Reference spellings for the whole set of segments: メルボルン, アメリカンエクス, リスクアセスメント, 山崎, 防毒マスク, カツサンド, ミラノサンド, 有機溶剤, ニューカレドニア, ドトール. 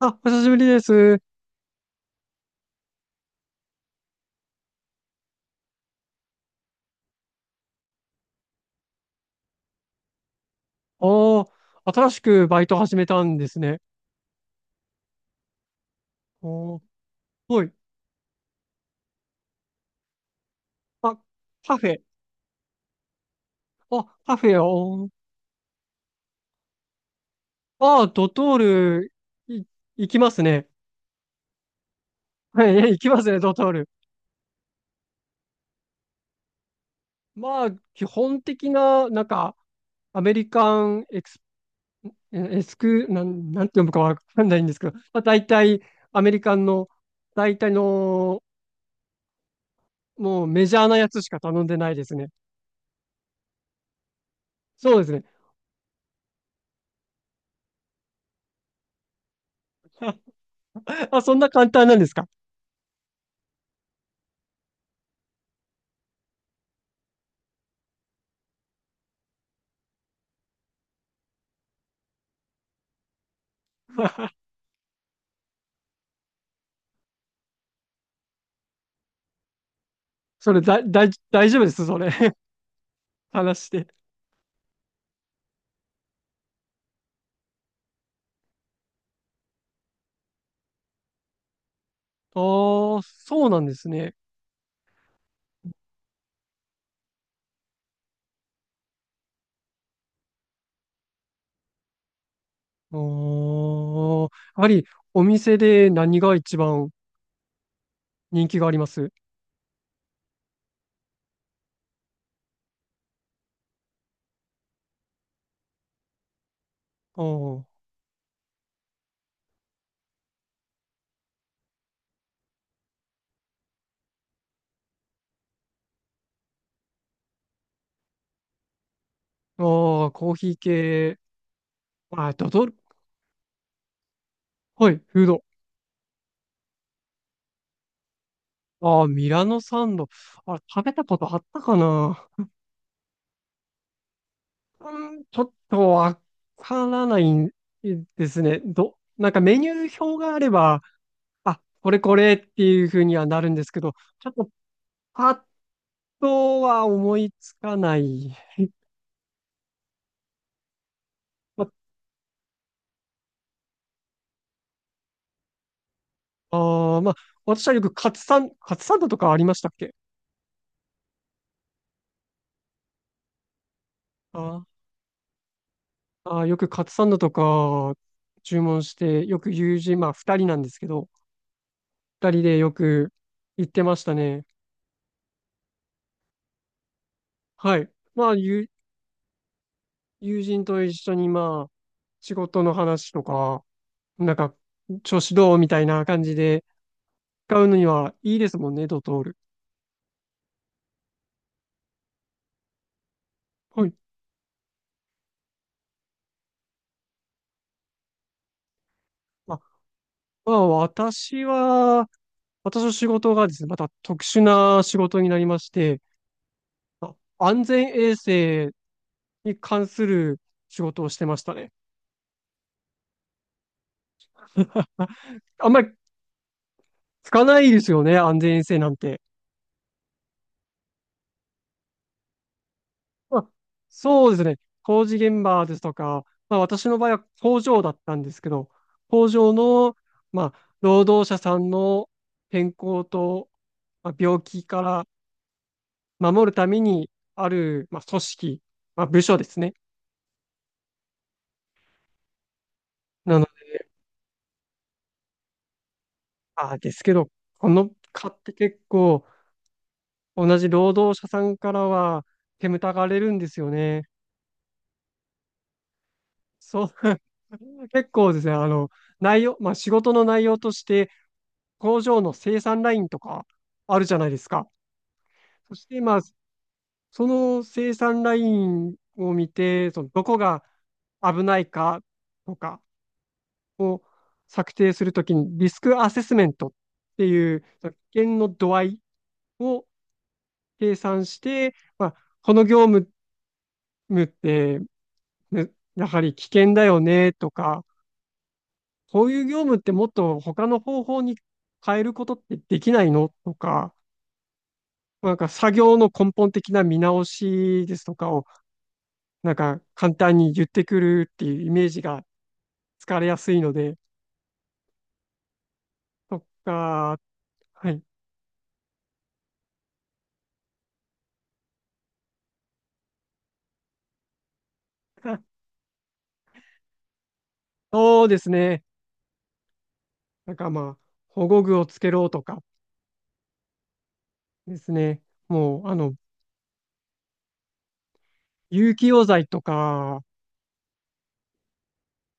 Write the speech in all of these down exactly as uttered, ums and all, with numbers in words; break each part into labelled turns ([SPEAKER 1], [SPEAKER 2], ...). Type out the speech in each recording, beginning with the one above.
[SPEAKER 1] あ、お久しぶりです。おー、新しくバイト始めたんですね。おー、はい。あ、カフェ。あ、カフェを。あー、ドトール、い、行きますね。はい、行きますね、ドトール。まあ、基本的な、なんか、アメリカンエクス、えエスク、なん、なんて読むかわかんないんですけど、まあ、大体、アメリカンの、大体の、もうメジャーなやつしか頼んでないですね。そうですね。あ、そんな簡単なんですか？ それだ、だい、大丈夫です、それ。話して。ああ、そうなんですね。ああ、やはりお店で何が一番人気があります？あーあー、コーヒー系。あー、ドドル。はい、フード。ああ、ミラノサンド。あれ、食べたことあったかな。うん、ちょっとわからないんですね。ど、なんかメニュー表があれば、あ、これこれっていうふうにはなるんですけど、ちょっとあとは思いつかない。まあー、まあ、私はよくカツサン、カツサンドとかありましたっけ？あーあー、よくカツサンドとか注文して、よく友人、まあ二人なんですけど、二人でよく行ってましたね。はい。まあ、友友人と一緒に、まあ、仕事の話とか、なんか、調子どうみたいな感じで使うのにはいいですもんね、ドトール。はい。まあ、まあ、私は、私の仕事がですね、また特殊な仕事になりまして、あ安全衛生に関する仕事をしてましたね。あ、あんまりつかないですよね、安全衛生なんて。まあ、そうですね、工事現場ですとか、まあ、私の場合は工場だったんですけど、工場の、まあ、労働者さんの健康と、まあ、病気から守るためにある、まあ、組織、まあ、部署ですね。なあ、ですけど、この蚊って結構、同じ労働者さんからは、煙たがれるんですよね。そう、結構ですね、あの、内容、まあ、仕事の内容として、工場の生産ラインとかあるじゃないですか。そして、まあ、その生産ラインを見て、そのどこが危ないかとかを策定するときに、リスクアセスメントっていう、その危険の度合いを計算して、まあ、この業務ってねやはり危険だよねとか、こういう業務ってもっと他の方法に変えることってできないのとか、なんか作業の根本的な見直しですとかを、なんか簡単に言ってくるっていうイメージがつかれやすいので、とか、はい。あそうですね。なんかまあ、保護具をつけろとかですね。もう、あの、有機溶剤とか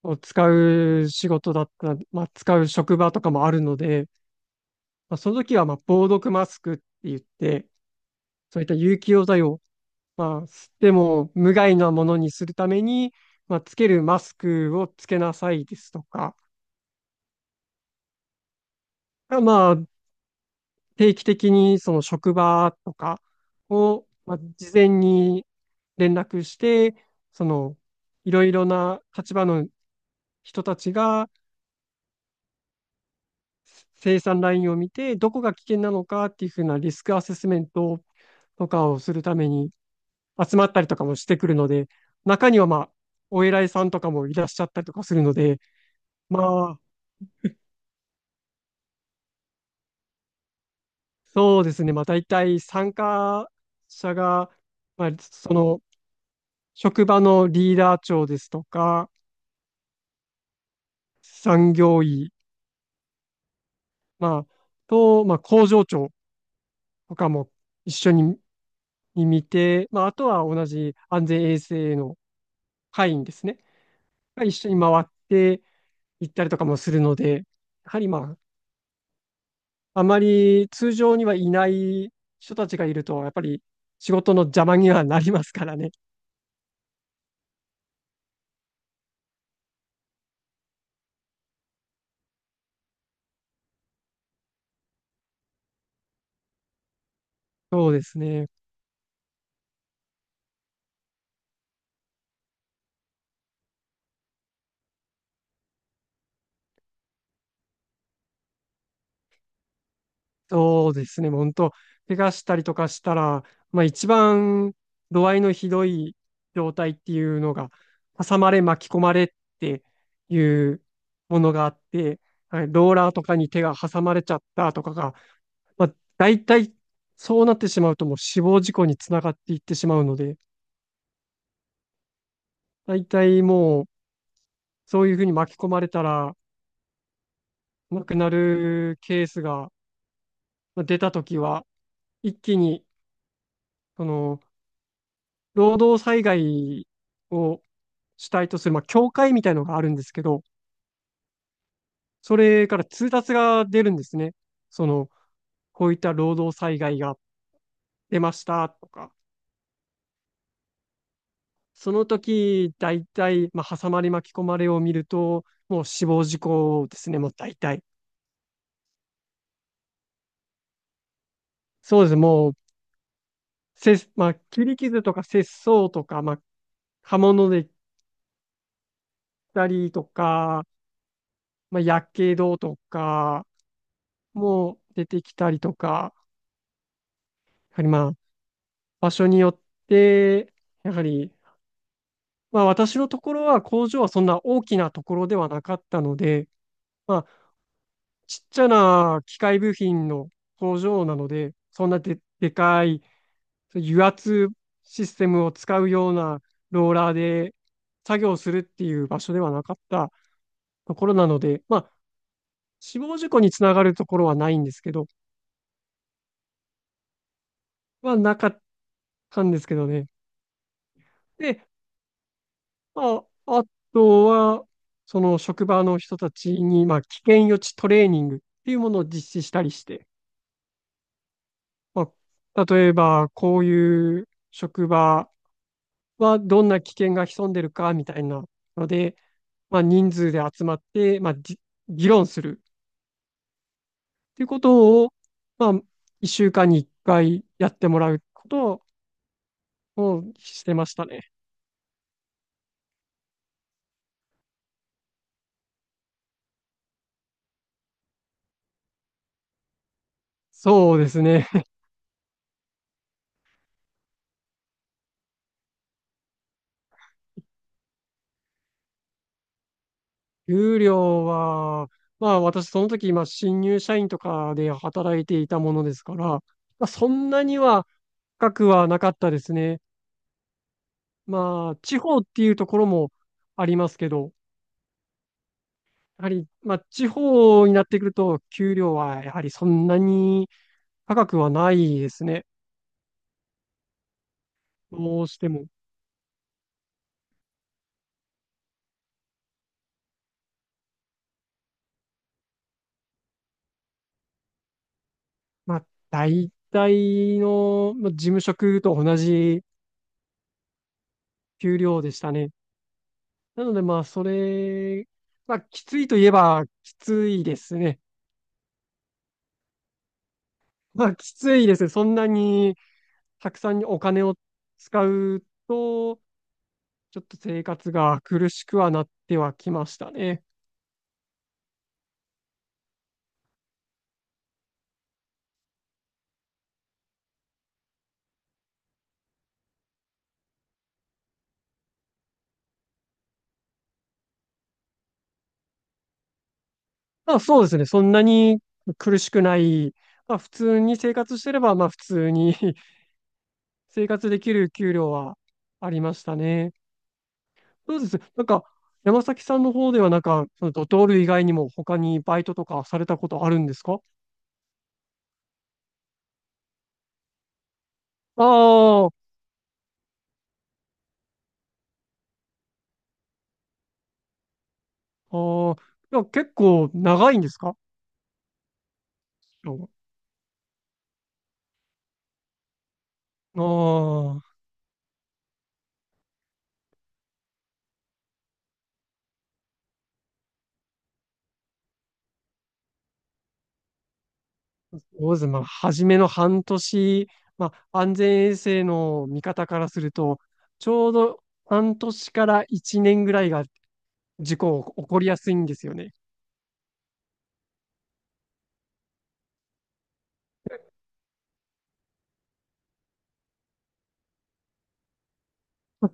[SPEAKER 1] を使う仕事だったら、まあ、使う職場とかもあるので、まあ、その時は、まあ、防毒マスクって言って、そういった有機溶剤を、まあ、吸っても無害なものにするために、まあ、つけるマスクをつけなさいですとか、まあ、定期的にその職場とかを、まあ、事前に連絡して、その、いろいろな立場の人たちが、生産ラインを見て、どこが危険なのかっていうふうなリスクアセスメントとかをするために集まったりとかもしてくるので、中にはまあ、お偉いさんとかもいらっしゃったりとかするので、まあ、そうですね、まあ大体参加者が、まあ、その職場のリーダー長ですとか、産業医、まあ、と、まあ、工場長とかも一緒に見て、まあ、あとは同じ安全衛生の会員ですね。が一緒に回って行ったりとかもするので、やはりまあ、あまり通常にはいない人たちがいると、やっぱり仕事の邪魔にはなりますからね。そうですね。そうですね。本当、怪我したりとかしたら、まあ一番度合いのひどい状態っていうのが、挟まれ巻き込まれっていうものがあって、はい、ローラーとかに手が挟まれちゃったとかがまあ、大体、そうなってしまうともう死亡事故につながっていってしまうので、大体もう、そういうふうに巻き込まれたら、亡くなるケースがまあ出たときは、一気に、その、労働災害を主体とする、まあ、協会みたいのがあるんですけど、それから通達が出るんですね。その、こういった労働災害が出ましたとか、その時、大体、まあ、挟まれ巻き込まれを見ると、もう死亡事故ですね、もう大体。そうです、もう、せ、まあ、切り傷とか切創とか、まあ、刃物で切ったりとか、まあ、やけどとか、もう出てきたりとか、やはりまあ、場所によって、やはり、まあ、私のところは工場はそんな大きなところではなかったので、まあ、ちっちゃな機械部品の工場なので、そんなで、でかい、そういう油圧システムを使うようなローラーで作業するっていう場所ではなかったところなので、まあ、死亡事故につながるところはないんですけど、はなかったんですけどね。で、まあ、あとは、その職場の人たちに、まあ、危険予知トレーニングっていうものを実施したりして、まあ、例えば、こういう職場はどんな危険が潜んでるかみたいなので、まあ、人数で集まって、まあ、じ議論するっていうことを、まあ、いっしゅうかんにいっかいやってもらうことをしてましたね。そうですね。給料は、まあ私その時、まあ新入社員とかで働いていたものですから、まあ、そんなには高くはなかったですね。まあ地方っていうところもありますけど、やはり、まあ地方になってくると、給料はやはりそんなに高くはないですね。どうしても、まあ、大体の、まあ、事務職と同じ給料でしたね。なので、まあ、それ、まあ、きついといえば、きついですね。まあ、きついですね。そんなに、たくさんにお金を使うと、ちょっと生活が苦しくはなってはきましたね。まあ、そうですね。そんなに苦しくない。まあ、普通に生活してれば、まあ、普通に 生活できる給料はありましたね。そうです。なんか、山崎さんの方では、なんか、そのドトール以外にも他にバイトとかされたことあるんですか？ああ、ああ、いや、結構長いんですか？ああ、そうです。まあ、初めの半年、まあ、安全衛生の見方からすると、ちょうど半年からいちねんぐらいが事故起こりやすいんですよね。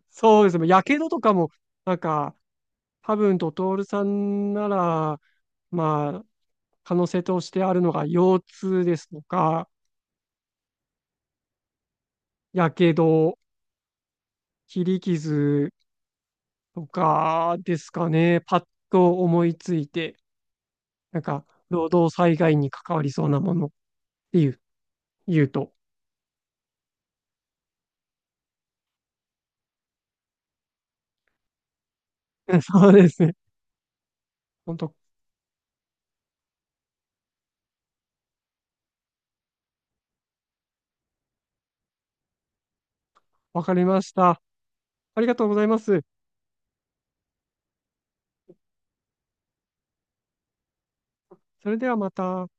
[SPEAKER 1] そうですね。やけどとかも、なんか、多分ドトールさんなら、まあ、可能性としてあるのが腰痛ですとか、やけど、切り傷とかですかね。パッと思いついて、なんか、労働災害に関わりそうなものっていう、言うと。そうですね。本当わかりました。ありがとうございます。それではまた。